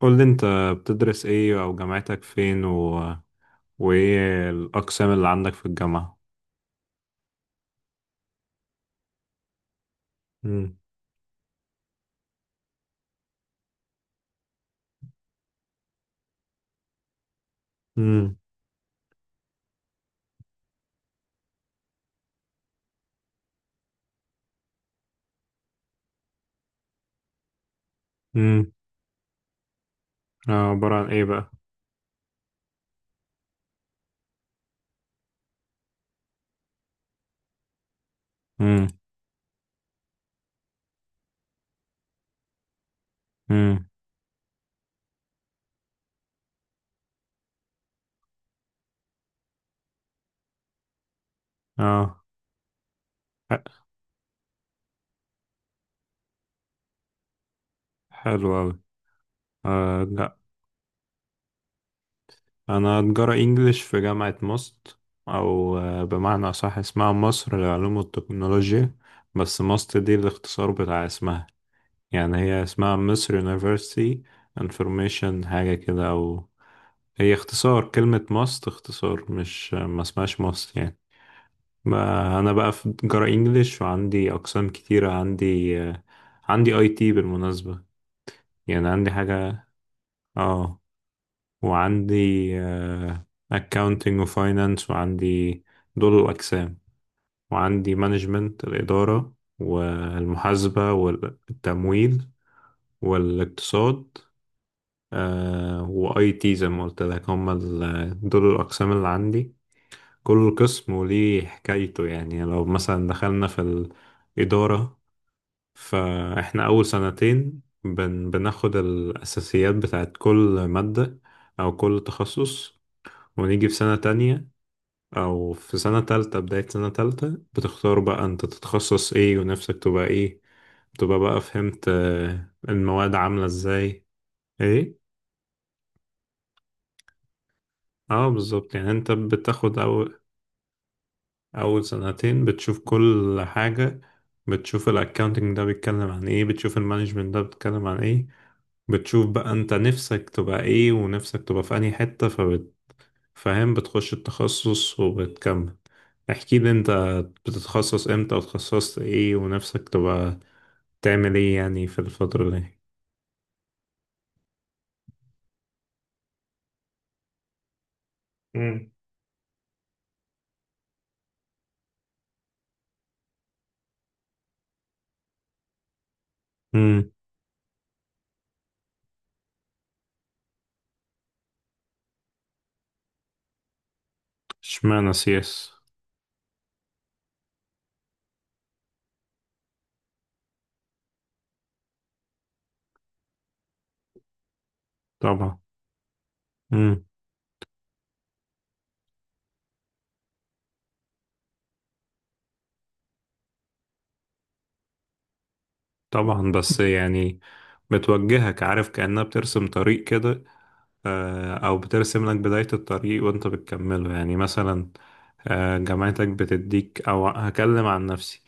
قول لي انت، بتدرس ايه، او جامعتك فين، وايه الاقسام اللي عندك في الجامعة؟ امم، امم، امم، اه، عبارة عن ايه بقى؟ امم، امم، اه، ح- حلو اوي. آه، لا. انا تجارة انجليش في جامعة ماست، او بمعنى اصح اسمها مصر للعلوم والتكنولوجيا. بس ماست دي الاختصار بتاع اسمها، يعني هي اسمها مصر University Information حاجة كده، او هي اختصار كلمة ماست، اختصار، مش ما اسمهاش ماست يعني. ما انا بقى في جرا انجليش وعندي اقسام كتيرة، عندي عندي اي تي بالمناسبة، يعني عندي حاجة، اه، وعندي اكاونتنج وفاينانس، وعندي دول الاقسام، وعندي مانجمنت، الإدارة والمحاسبة والتمويل والاقتصاد، واي تي زي ما قلت لك، هم دول الاقسام اللي عندي. كل قسم وليه حكايته، يعني لو مثلا دخلنا في الإدارة، فإحنا أول سنتين بناخد الأساسيات بتاعت كل مادة أو كل تخصص، ونيجي في سنة تانية أو في سنة تالتة، بداية سنة تالتة بتختار بقى أنت تتخصص إيه ونفسك تبقى إيه، تبقى بقى، فهمت المواد عاملة إزاي؟ إيه؟ اه، بالظبط. يعني انت بتاخد، أو أول سنتين بتشوف كل حاجة، بتشوف الأكاونتنج ده بيتكلم عن إيه، بتشوف المانجمنت ده بيتكلم عن إيه، بتشوف بقى أنت نفسك تبقى إيه ونفسك تبقى في أنهي حتة، فبتفهم بتخش التخصص وبتكمل. احكي لي أنت، بتتخصص إمتى، وتخصصت إيه، ونفسك تبقى تعمل إيه يعني في الفترة دي؟ مم. امم اشمعنى سياس؟ طبعا. امم طبعا، بس يعني بتوجهك، عارف، كأنها بترسم طريق كده، أو بترسم لك بداية الطريق وأنت بتكمله، يعني مثلا جامعتك بتديك، أو هكلم عن نفسي،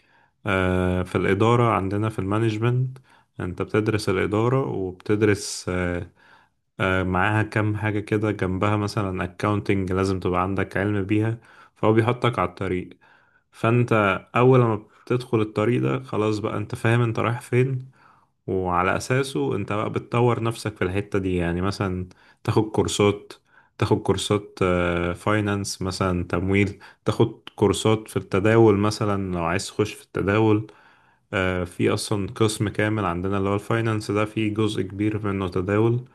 في الإدارة عندنا في المانجمنت، أنت بتدرس الإدارة وبتدرس معاها كام حاجة كده جنبها، مثلا أكاونتنج لازم تبقى عندك علم بيها، فهو بيحطك على الطريق. فأنت أول ما بتدخل الطريق ده خلاص بقى أنت فاهم أنت رايح فين، وعلى أساسه أنت بقى بتطور نفسك في الحتة دي، يعني مثلا تاخد كورسات، تاخد كورسات فاينانس مثلا، تمويل، تاخد كورسات في التداول مثلا لو عايز تخش في التداول. في أصلا قسم كامل عندنا اللي هو الفاينانس ده، فيه جزء كبير منه تداول.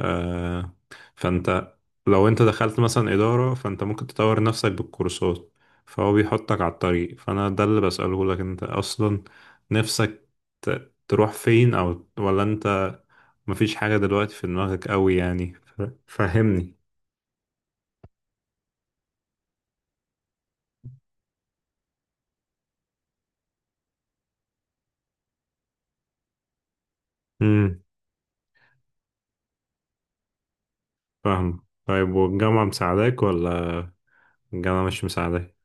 آه، فانت لو انت دخلت مثلا إدارة، فانت ممكن تطور نفسك بالكورسات، فهو بيحطك على الطريق، فانا ده اللي بسأله لك انت اصلا، نفسك تروح فين، او ولا انت مفيش حاجة دلوقتي في دماغك قوي يعني، فهمني. امم فاهم. طيب، والجامعة مساعداك ولا الجامعة مش مساعداك؟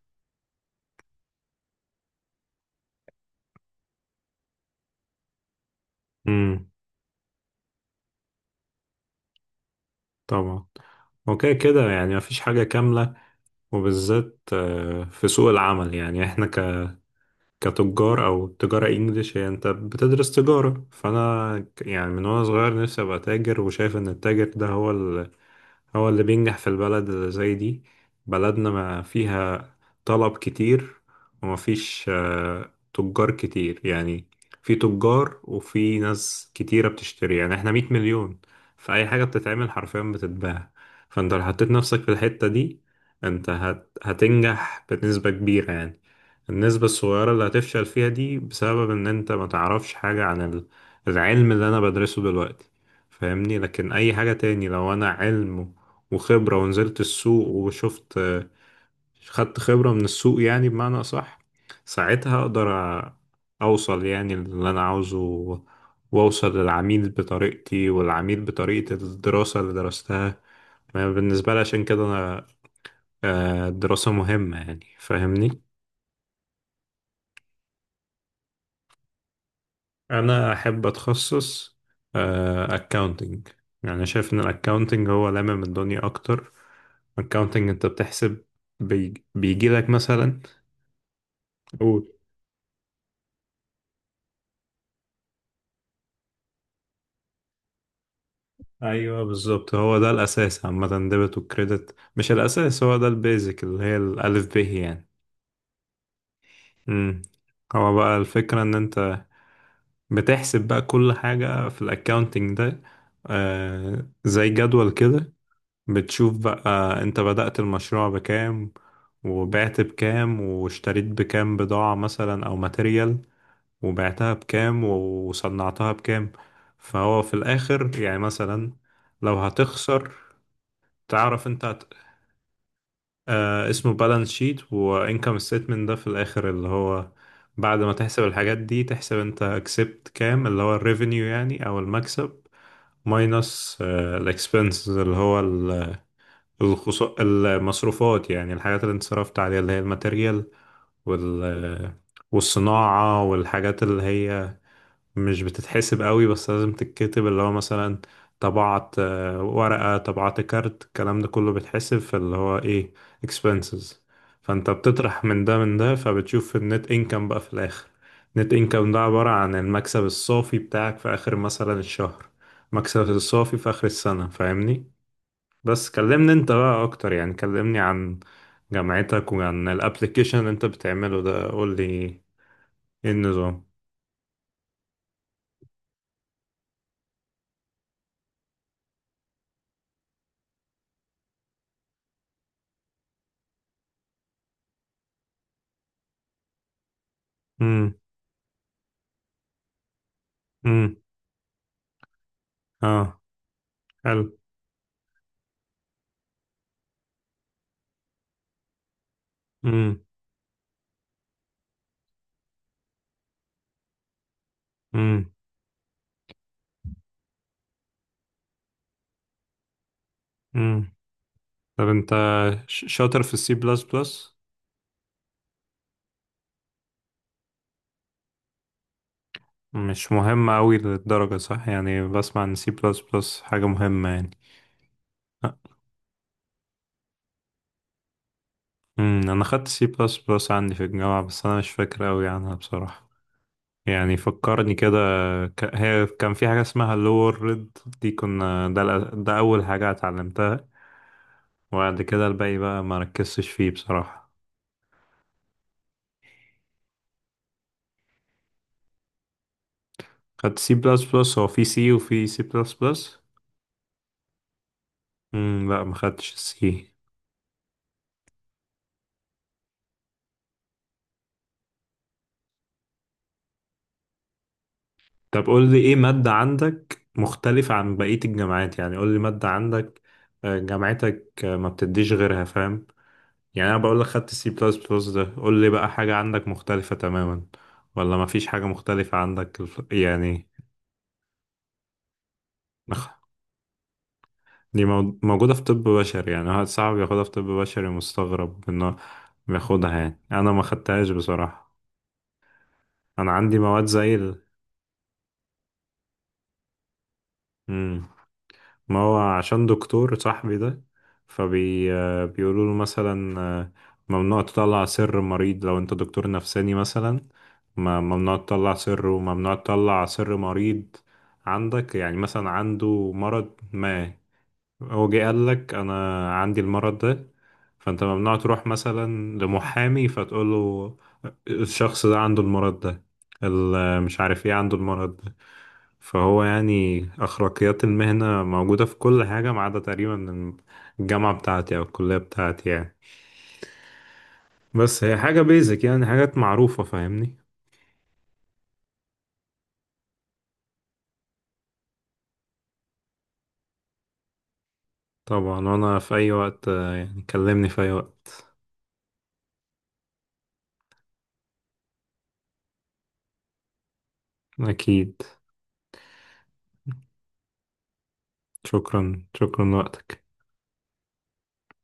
امم. طبعا. اوكي كده، يعني مفيش حاجة كاملة، وبالذات في سوق العمل. يعني احنا كتجار، او تجارة انجليش هي، انت بتدرس تجارة، فانا يعني من وانا صغير نفسي ابقى تاجر، وشايف ان التاجر ده هو هو اللي بينجح في البلد اللي زي دي. بلدنا ما فيها طلب كتير، وما فيش تجار كتير، يعني في تجار وفي ناس كتيرة بتشتري، يعني احنا 100 مليون، فأي حاجة بتتعمل حرفيا بتتباع. فانت لو حطيت نفسك في الحتة دي، انت هتنجح بنسبة كبيرة يعني، النسبة الصغيرة اللي هتفشل فيها دي بسبب ان انت ما تعرفش حاجة عن العلم اللي انا بدرسه دلوقتي، فاهمني. لكن اي حاجة تاني، لو انا علم وخبرة ونزلت السوق وشفت، خدت خبرة من السوق يعني بمعنى أصح، ساعتها أقدر أ- أوصل يعني اللي أنا عاوزه، وأوصل للعميل بطريقتي، والعميل بطريقة الدراسة اللي درستها. ما بالنسبة لي عشان كده أنا، الدراسة مهمة يعني، فاهمني. أنا أحب أتخصص أكاونتنج، يعني شايف إن الأكاونتنج هو لامم الدنيا أكتر. أكاونتنج أنت بتحسب، بيجي لك مثلا، ايوه بالظبط، هو ده الاساس عامه، ديبت وكريدت، مش الاساس، هو ده البيزك اللي هي الالف ب يعني. امم هو بقى الفكره ان انت بتحسب بقى كل حاجه في الاكاونتنج ده، زي جدول كده، بتشوف بقى انت بدأت المشروع بكام، وبعت بكام، واشتريت بكام بضاعه مثلا او ماتيريال، وبعتها بكام وصنعتها بكام، فهو في الاخر يعني مثلا لو هتخسر، تعرف انت، آه، اسمه بالانس شيت وانكم ستيتمنت، ده في الاخر اللي هو بعد ما تحسب الحاجات دي، تحسب انت كسبت كام اللي هو الريفينيو يعني او المكسب، ماينس الاكسبنسز اللي هو المصروفات، يعني الحاجات اللي انت صرفت عليها، اللي هي الماتيريال وال... آه، والصناعة والحاجات اللي هي مش بتتحسب قوي، بس لازم تتكتب، اللي هو مثلا طبعت ورقة، طبعت كارت، الكلام ده كله بيتحسب في اللي هو ايه، expenses. فانت بتطرح من ده من ده، فبتشوف النت انكم بقى في الاخر، النت انكم ده عبارة عن المكسب الصافي بتاعك في اخر مثلا الشهر، مكسب الصافي في اخر السنة، فاهمني. بس كلمني انت بقى اكتر، يعني كلمني عن جامعتك وعن الابليكيشن اللي انت بتعمله ده، قول لي ايه النظام. امم، امم، اه، حلو، امم، امم، امم. طب انت شاطر في السي بلس بلس؟ مش مهم قوي للدرجة صح، يعني بسمع ان سي بلس بلس حاجة مهمة يعني. انا خدت سي بلس بلس عندي في الجامعة، بس انا مش فاكر قوي عنها بصراحة، يعني فكرني كده. هي كان في حاجة اسمها لور ريد، دي كنا ده، ده اول حاجة اتعلمتها، وبعد كده الباقي بقى ما ركزتش فيه بصراحة. خدت سي بلس بلس، هو في سي وفي سي بلس بلس. امم. لا، ما خدتش السي. طب قول لي ايه مادة عندك مختلفة عن بقية الجامعات، يعني قول لي مادة عندك، جامعتك ما بتديش غيرها، فاهم؟ يعني انا بقول لك خدت السي بلس بلس ده، قول لي بقى حاجة عندك مختلفة تماما، ولا ما فيش حاجة مختلفة عندك يعني. نخ- دي موجودة في طب بشري، يعني واحد صاحبي بياخدها في طب بشري، مستغرب انه بياخدها، يعني انا ما خدتهاش بصراحة. انا عندي مواد زي مم. ما هو عشان دكتور صاحبي ده، فبي آه، بيقولوا له مثلا ممنوع تطلع سر مريض لو انت دكتور نفساني مثلا، ممنوع تطلع سر، وممنوع تطلع سر مريض عندك، يعني مثلا عنده مرض ما، هو جه قال لك انا عندي المرض ده، فانت ممنوع تروح مثلا لمحامي فتقول له الشخص ده عنده المرض ده، مش عارف ايه عنده المرض ده. فهو يعني أخلاقيات المهنة موجودة في كل حاجة ما عدا تقريبا الجامعة بتاعتي أو الكلية بتاعتي يعني، بس هي حاجة بيزك، يعني حاجات معروفة، فاهمني. طبعا، وأنا في أي وقت، يعني كلمني في أي وقت. أكيد. شكرا، شكرا لوقتك.